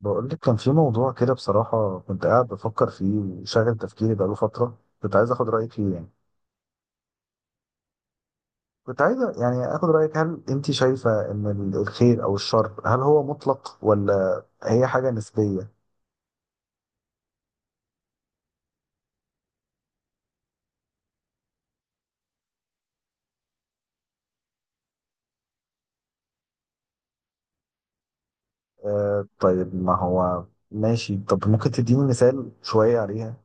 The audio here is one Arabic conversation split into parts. بقول لك كان في موضوع كده، بصراحة كنت قاعد بفكر فيه وشاغل تفكيري بقاله فترة، كنت عايز اخد رأيك فيه يعني. كنت عايز يعني اخد رأيك، هل انت شايفة ان الخير او الشر، هل هو مطلق ولا هي حاجة نسبية؟ آه، طيب ما هو ماشي، طب ممكن تديني مثال شوية عليها؟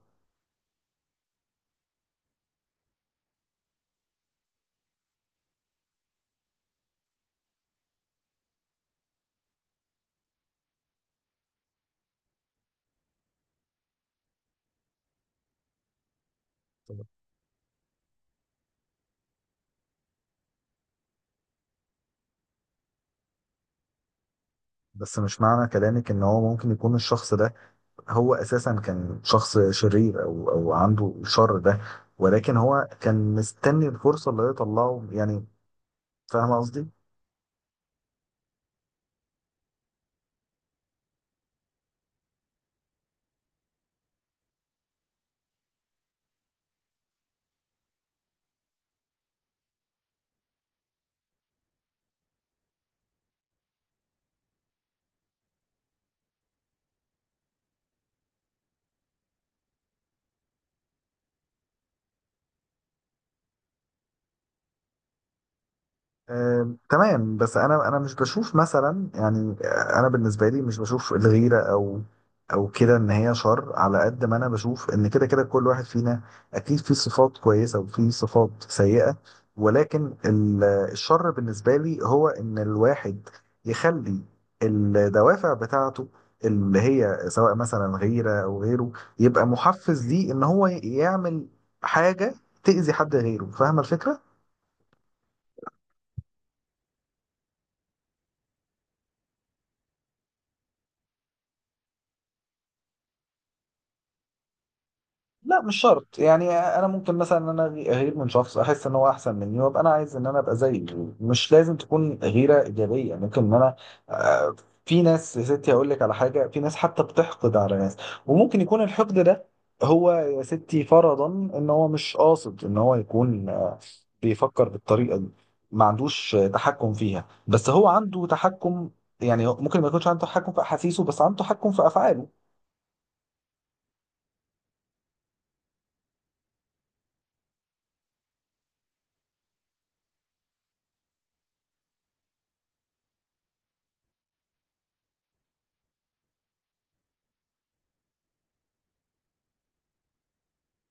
بس مش معنى كلامك ان هو ممكن يكون الشخص ده هو اساسا كان شخص شرير او عنده الشر ده، ولكن هو كان مستني الفرصة اللي هي يطلعه يعني؟ فاهمة قصدي؟ آه، تمام. بس انا مش بشوف مثلا يعني، انا بالنسبه لي مش بشوف الغيره او كده ان هي شر، على قد ما انا بشوف ان كده كده كل واحد فينا اكيد فيه صفات كويسه وفيه صفات سيئه. ولكن الشر بالنسبه لي هو ان الواحد يخلي الدوافع بتاعته اللي هي سواء مثلا غيره او غيره يبقى محفز ليه ان هو يعمل حاجه تأذي حد غيره. فاهمه الفكره؟ لا مش شرط، يعني انا ممكن مثلا ان انا اغير من شخص احس ان هو احسن مني وابقى انا عايز ان انا ابقى زيه. مش لازم تكون غيره ايجابيه، ممكن ان انا آه، في ناس يا ستي، هقول لك على حاجه، في ناس حتى بتحقد على ناس، وممكن يكون الحقد ده هو يا ستي فرضا ان هو مش قاصد ان هو يكون، بيفكر بالطريقه دي، ما عندوش تحكم فيها، بس هو عنده تحكم. يعني ممكن ما يكونش عنده تحكم في احاسيسه بس عنده تحكم في افعاله.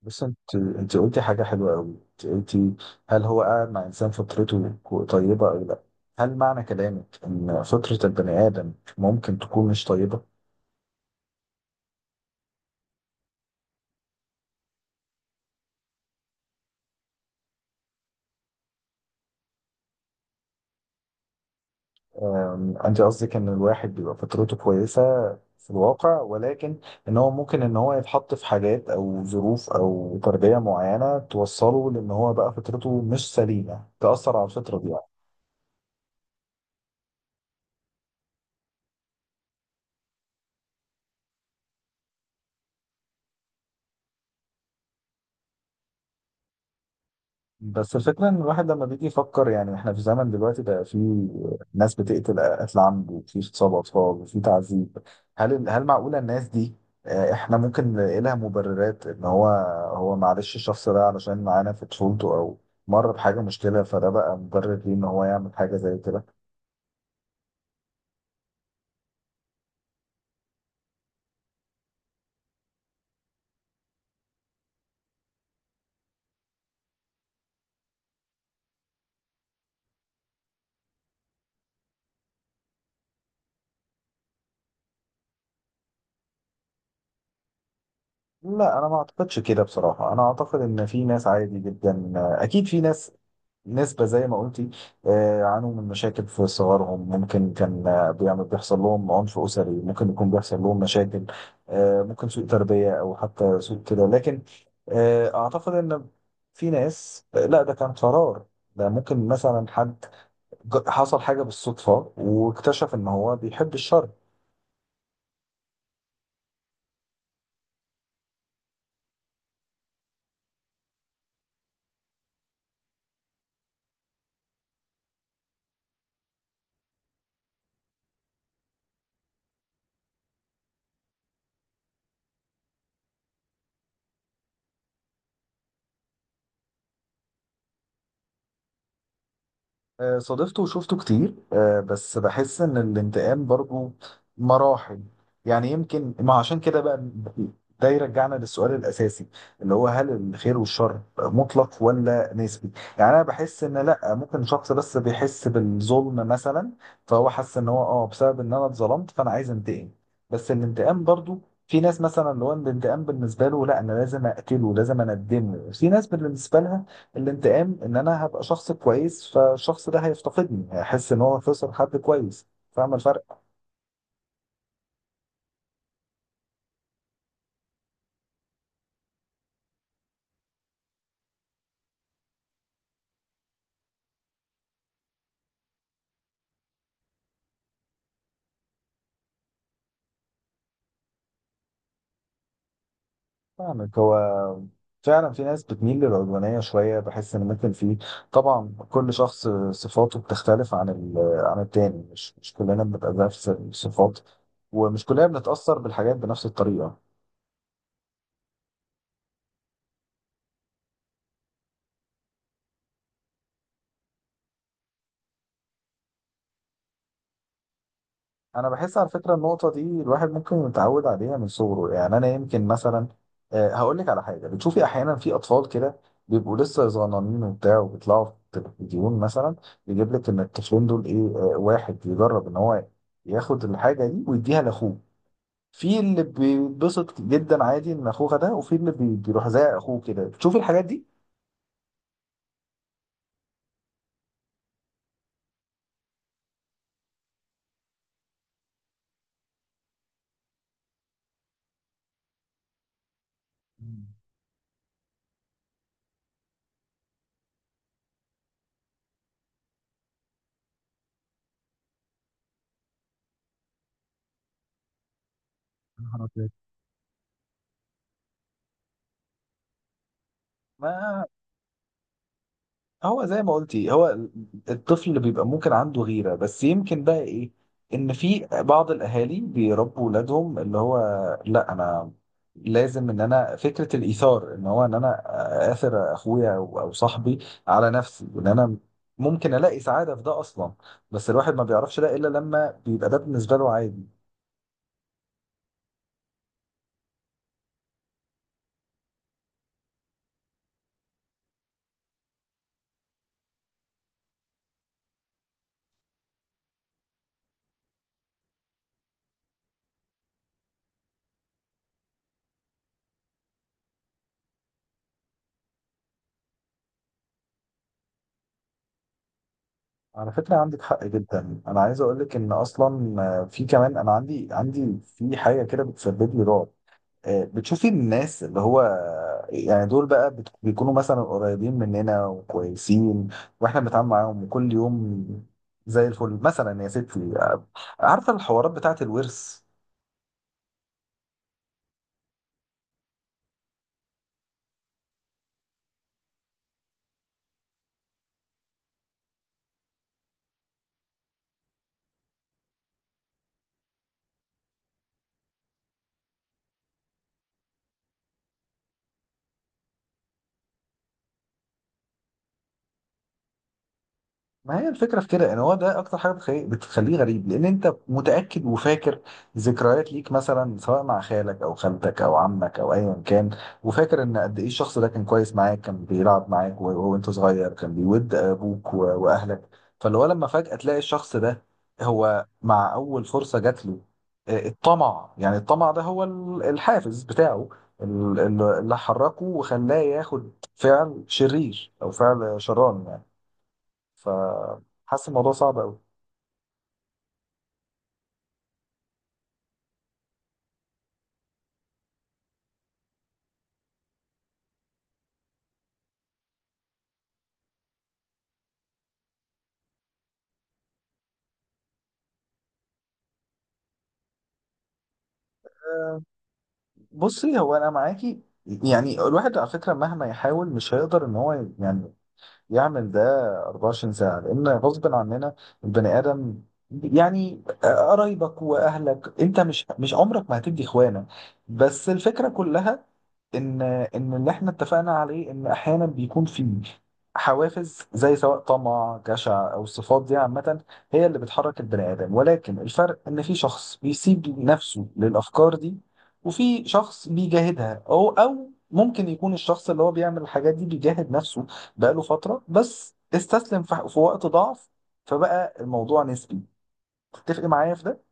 بس انت قلتي حاجة حلوة قوي، انت قلتي هل هو قاعد مع انسان فطرته طيبة او لا؟ هل معنى كلامك ان فطرة البني ادم ممكن تكون مش طيبة؟ انت قصدك ان الواحد بيبقى فطرته كويسة في الواقع، ولكن ان هو ممكن ان هو يتحط في حاجات او ظروف او تربية معينة توصله لان هو بقى فطرته مش سليمة، تأثر على الفطرة دي. بس الفكرة إن الواحد لما بيجي يفكر، يعني إحنا في زمن دلوقتي بقى فيه ناس بتقتل قتل عمد، وفي اغتصاب أطفال، وفي تعذيب. هل معقولة الناس دي، إحنا ممكن نلاقي لها مبررات إن هو معلش الشخص ده علشان معانا في طفولته أو مر بحاجة مشكلة، فده بقى مبرر ليه إن هو يعمل حاجة زي كده؟ لا أنا ما أعتقدش كده بصراحة. أنا أعتقد إن في ناس عادي جدا، أكيد في ناس، نسبة زي ما قلتي، عانوا من مشاكل في صغرهم، ممكن كان بيحصل لهم عنف أسري، ممكن يكون بيحصل لهم مشاكل، ممكن سوء تربية أو حتى سوء كده، لكن أعتقد إن في ناس، لا ده كان قرار. ده ممكن مثلا حد حصل حاجة بالصدفة واكتشف إن هو بيحب الشر. صادفته وشفته كتير، بس بحس ان الانتقام برضو مراحل. يعني يمكن ما عشان كده بقى، ده يرجعنا للسؤال الاساسي، اللي هو هل الخير والشر مطلق ولا نسبي؟ يعني انا بحس ان لا، ممكن شخص بس بيحس بالظلم مثلا فهو حس ان هو بسبب ان انا اتظلمت فانا عايز انتقم. بس الانتقام برضو، في ناس مثلا اللي هو الانتقام بالنسبه له لا انا لازم اقتله لازم اندمه، في ناس بالنسبه لها الانتقام ان انا هبقى شخص كويس، فالشخص ده هيفتقدني هيحس ان هو خسر حد كويس. فاهم الفرق؟ فاهمك. هو فعلا في ناس بتميل للعدوانية شوية، بحس ان ممكن في، طبعا كل شخص صفاته بتختلف عن عن التاني، مش كلنا بنبقى نفس الصفات، ومش كلنا بنتأثر بالحاجات بنفس الطريقة. انا بحس على فكره النقطه دي الواحد ممكن يتعود عليها من صغره، يعني انا يمكن مثلا، هقول لك على حاجه، بتشوفي احيانا في اطفال كده بيبقوا لسه صغننين وبتاع وبيطلعوا في التلفزيون مثلا، يجيب لك ان الطفلين دول ايه، واحد يجرب ان هو ياخد الحاجه دي ويديها لاخوه، في اللي بيتبسط جدا عادي ان اخوه ده وفي اللي بيروح زي اخوه كده. بتشوفي الحاجات دي؟ مم. يا نهار أبيض. ما هو زي ما قلتي، هو الطفل اللي بيبقى ممكن عنده غيرة، بس يمكن بقى ايه؟ ان في بعض الاهالي بيربوا ولادهم اللي هو لا انا لازم ان انا، فكرة الايثار ان هو ان انا اثر اخويا أو صاحبي على نفسي، وان انا ممكن الاقي سعادة في ده اصلا. بس الواحد ما بيعرفش ده الا لما بيبقى ده بالنسبة له عادي. على فكرة عندك حق جدا. انا عايز اقول لك ان اصلا في كمان، انا عندي في حاجة كده بتسبب لي رعب، بتشوفي الناس اللي هو، يعني دول بقى بيكونوا مثلا قريبين مننا وكويسين، واحنا بنتعامل معاهم كل يوم زي الفل مثلا يا ستي، عارفه الحوارات بتاعت الورث؟ ما هي الفكرة في كده، ان هو ده اكتر حاجة بتخليه غريب، لان انت متأكد وفاكر ذكريات ليك مثلا سواء مع خالك او خالتك او عمك او ايا كان، وفاكر ان قد ايه الشخص ده كان كويس معاك، كان بيلعب معاك وهو انت صغير، كان بيود ابوك واهلك. فاللي هو لما فجأة تلاقي الشخص ده هو مع اول فرصة جات له، الطمع ده هو الحافز بتاعه، اللي حركه وخلاه ياخد فعل شرير او فعل شراني يعني. فحاسس الموضوع صعب قوي. بصي، هو انا معاكي، يعني الواحد على فكره مهما يحاول مش هيقدر ان هو يعني يعمل ده 24 ساعه، لان غصب عننا البني ادم، يعني قرايبك واهلك انت مش عمرك ما هتدي اخوانك. بس الفكره كلها ان ان اللي احنا اتفقنا عليه ان احيانا بيكون في حوافز زي سواء طمع جشع او الصفات دي عامه، هي اللي بتحرك البني ادم. ولكن الفرق ان في شخص بيسيب نفسه للافكار دي، وفي شخص بيجاهدها، او ممكن يكون الشخص اللي هو بيعمل الحاجات دي بيجاهد نفسه بقاله فتره بس استسلم في وقت ضعف، فبقى الموضوع نسبي. تتفق معايا في ده؟